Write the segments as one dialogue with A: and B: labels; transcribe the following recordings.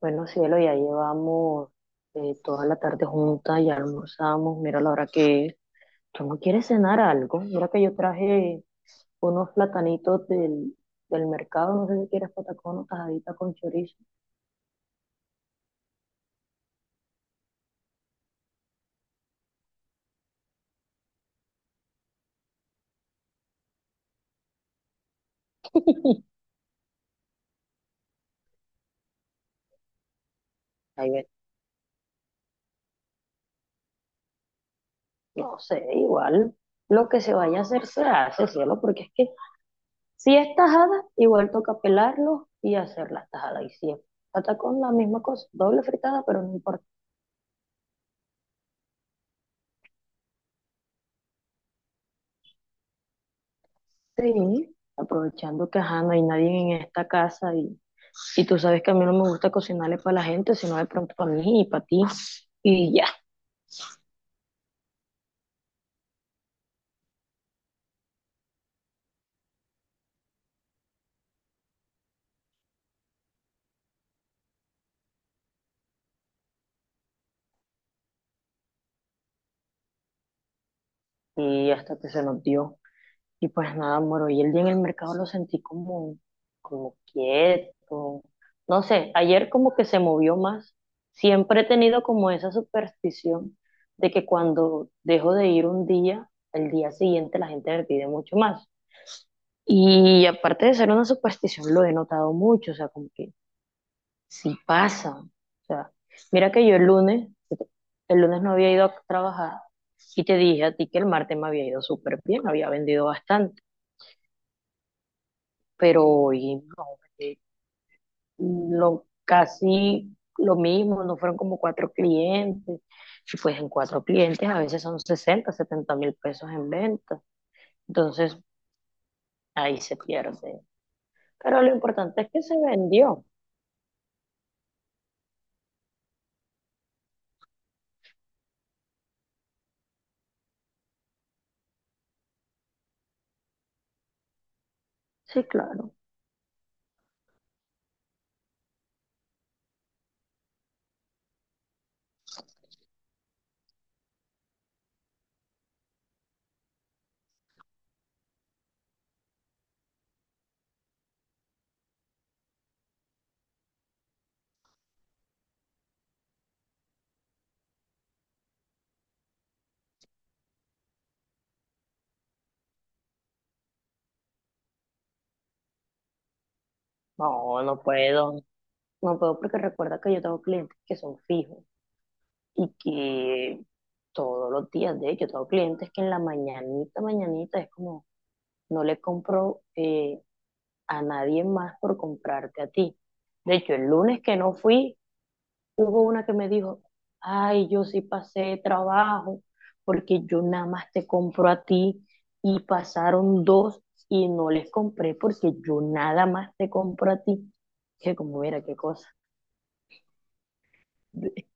A: Bueno, cielo, ya llevamos toda la tarde juntas, ya almorzamos, mira la hora que es. ¿Tú no quieres cenar algo? Mira que yo traje unos platanitos del mercado, no sé si quieres patacón o tajadita con chorizo. Ahí ven. No sé, igual lo que se vaya a hacer se hace, cielo, porque es que si es tajada, igual toca pelarlo y hacer la tajada. Y si es patacón, la misma cosa, doble fritada, pero no importa. Sí, aprovechando que ajá, no hay nadie en esta casa y tú sabes que a mí no me gusta cocinarle para la gente, sino de pronto para mí y para ti. Y ya, y hasta que se nos dio. Y pues nada, amor, y el día en el mercado lo sentí como, como quieto. No sé, ayer como que se movió más. Siempre he tenido como esa superstición de que cuando dejo de ir un día, el día siguiente la gente me pide mucho más. Y aparte de ser una superstición, lo he notado mucho, o sea, como que sí pasa. O sea, mira que yo el lunes no había ido a trabajar y te dije a ti que el martes me había ido súper bien, había vendido bastante, pero hoy no, eh, casi lo mismo, no fueron como cuatro clientes. Si fuesen cuatro clientes, a veces son 60 70 mil pesos en venta. Entonces, ahí se pierde. Pero lo importante es que se vendió. Sí, claro. No, no puedo. No puedo porque recuerda que yo tengo clientes que son fijos. Y que todos los días, de hecho, tengo clientes que en la mañanita, mañanita es como, no le compro, a nadie más por comprarte a ti. De hecho, el lunes que no fui, hubo una que me dijo, ay, yo sí pasé de trabajo porque yo nada más te compro a ti y pasaron dos y no les compré porque yo nada más te compro a ti. Que como, mira, qué cosa.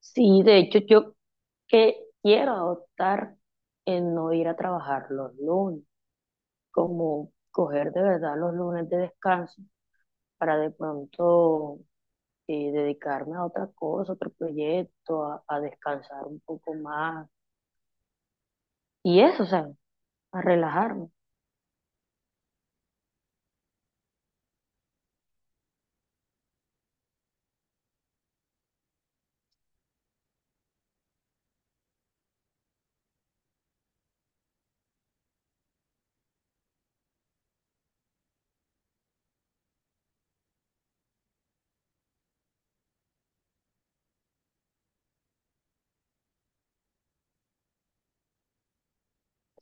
A: Sí, de hecho, yo que quiero adoptar en no ir a trabajar los lunes, como coger de verdad los lunes de descanso para de pronto, dedicarme a otra cosa, otro proyecto, a descansar un poco más y eso, o sea, a relajarme.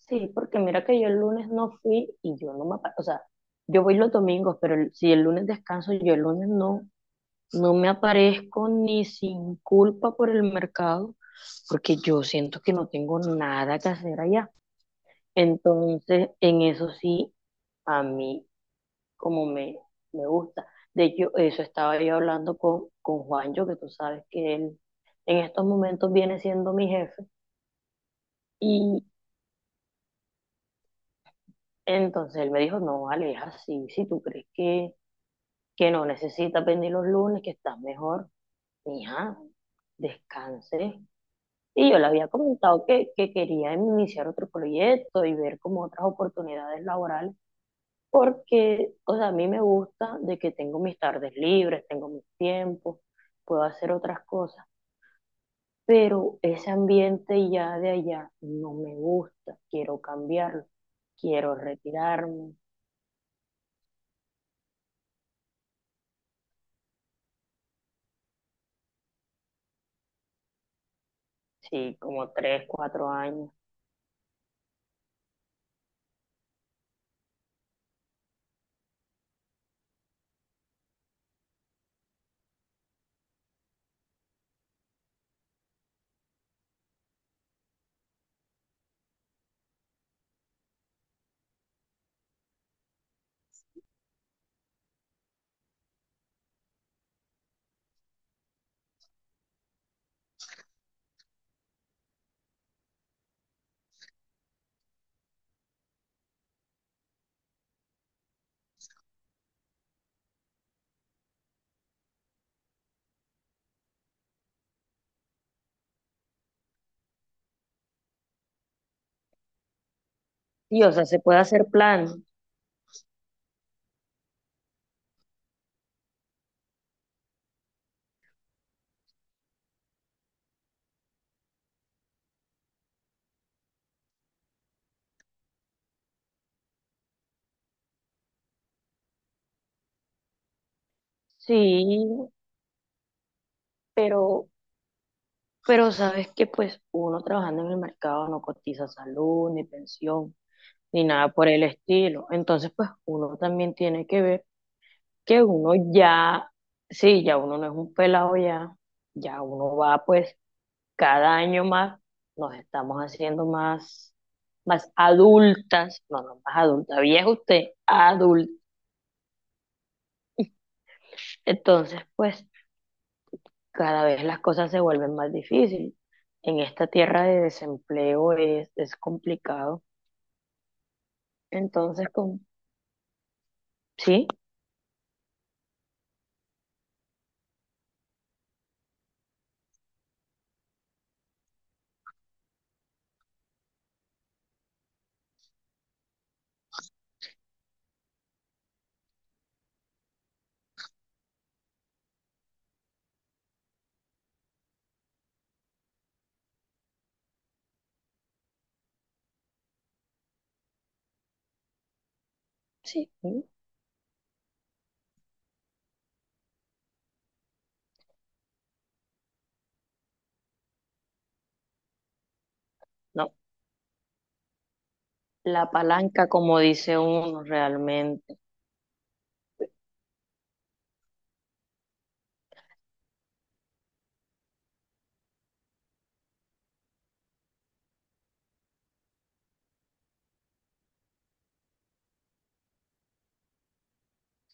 A: Sí, porque mira que yo el lunes no fui y yo no me, o sea, yo voy los domingos, pero si el lunes descanso, yo el lunes no, no me aparezco ni sin culpa por el mercado. Porque yo siento que no tengo nada que hacer allá. Entonces, en eso sí, a mí como me gusta. De hecho, eso estaba yo hablando con Juancho, que tú sabes que él en estos momentos viene siendo mi jefe. Y entonces él me dijo, no, vale, es así, si tú crees que no necesitas venir los lunes, que estás mejor, mija, descanse. Y yo le había comentado que quería iniciar otro proyecto y ver como otras oportunidades laborales. Porque, o sea, a mí me gusta de que tengo mis tardes libres, tengo mis tiempos, puedo hacer otras cosas, pero ese ambiente ya de allá no me gusta, quiero cambiarlo, quiero retirarme, sí, como 3, 4 años. Sí, o sea, se puede hacer planes, sí, pero, pero sabes que pues uno trabajando en el mercado no cotiza salud, ni pensión, ni nada por el estilo, entonces pues uno también tiene que ver que uno ya, sí, ya uno no es un pelado ya, ya uno va pues cada año más, nos estamos haciendo más, más adultas, no, no más adulta, vieja usted, adulta. Entonces, pues cada vez las cosas se vuelven más difíciles. En esta tierra de desempleo es complicado. Entonces, sí, sí, sí, no. La palanca, como dice uno realmente.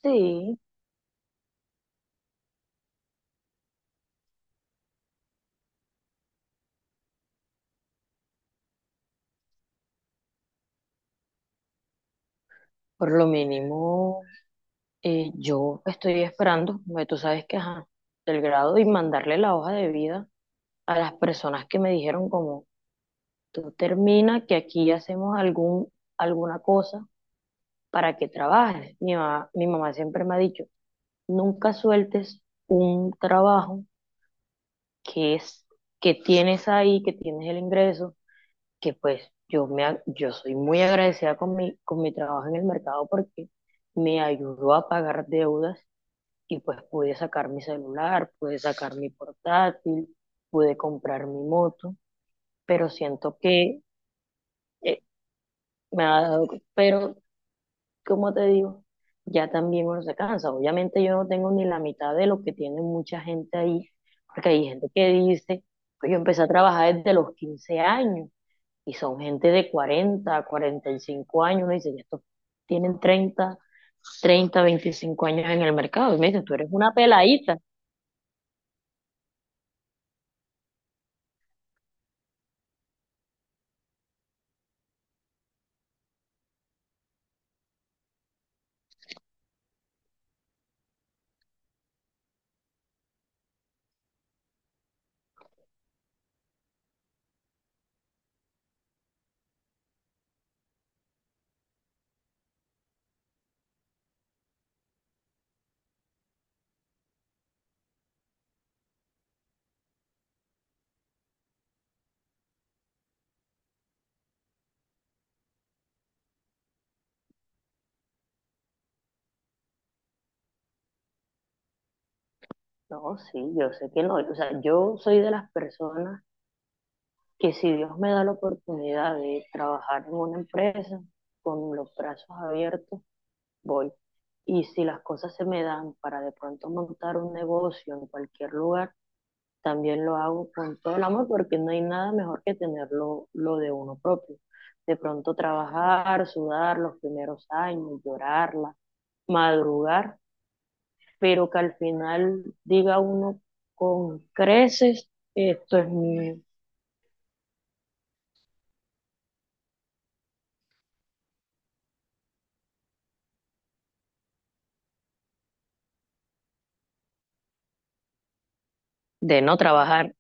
A: Sí. Por lo mínimo, yo estoy esperando, porque tú sabes que, ajá, el grado y mandarle la hoja de vida a las personas que me dijeron como, tú termina que aquí hacemos algún, alguna cosa para que trabajes. Mi mamá siempre me ha dicho, nunca sueltes un trabajo que es, que tienes ahí, que tienes el ingreso, que pues yo me, yo soy muy agradecida con mi trabajo en el mercado porque me ayudó a pagar deudas y pues pude sacar mi celular, pude sacar mi portátil, pude comprar mi moto, pero siento que, eh, me ha dado, pero como te digo, ya también uno se cansa. Obviamente yo no tengo ni la mitad de lo que tiene mucha gente ahí, porque hay gente que dice, pues yo empecé a trabajar desde los 15 años y son gente de 40 45 años, uno dice, ya estos tienen 30 30 25 años en el mercado y me dicen, tú eres una peladita. No, sí, yo sé que no. O sea, yo soy de las personas que si Dios me da la oportunidad de trabajar en una empresa con los brazos abiertos, voy. Y si las cosas se me dan para de pronto montar un negocio en cualquier lugar, también lo hago con todo el amor porque no hay nada mejor que tenerlo lo de uno propio. De pronto trabajar, sudar los primeros años, llorarla, madrugar, pero que al final diga uno con creces, esto es mío, de no trabajar,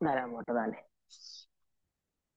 A: dar amor, dale.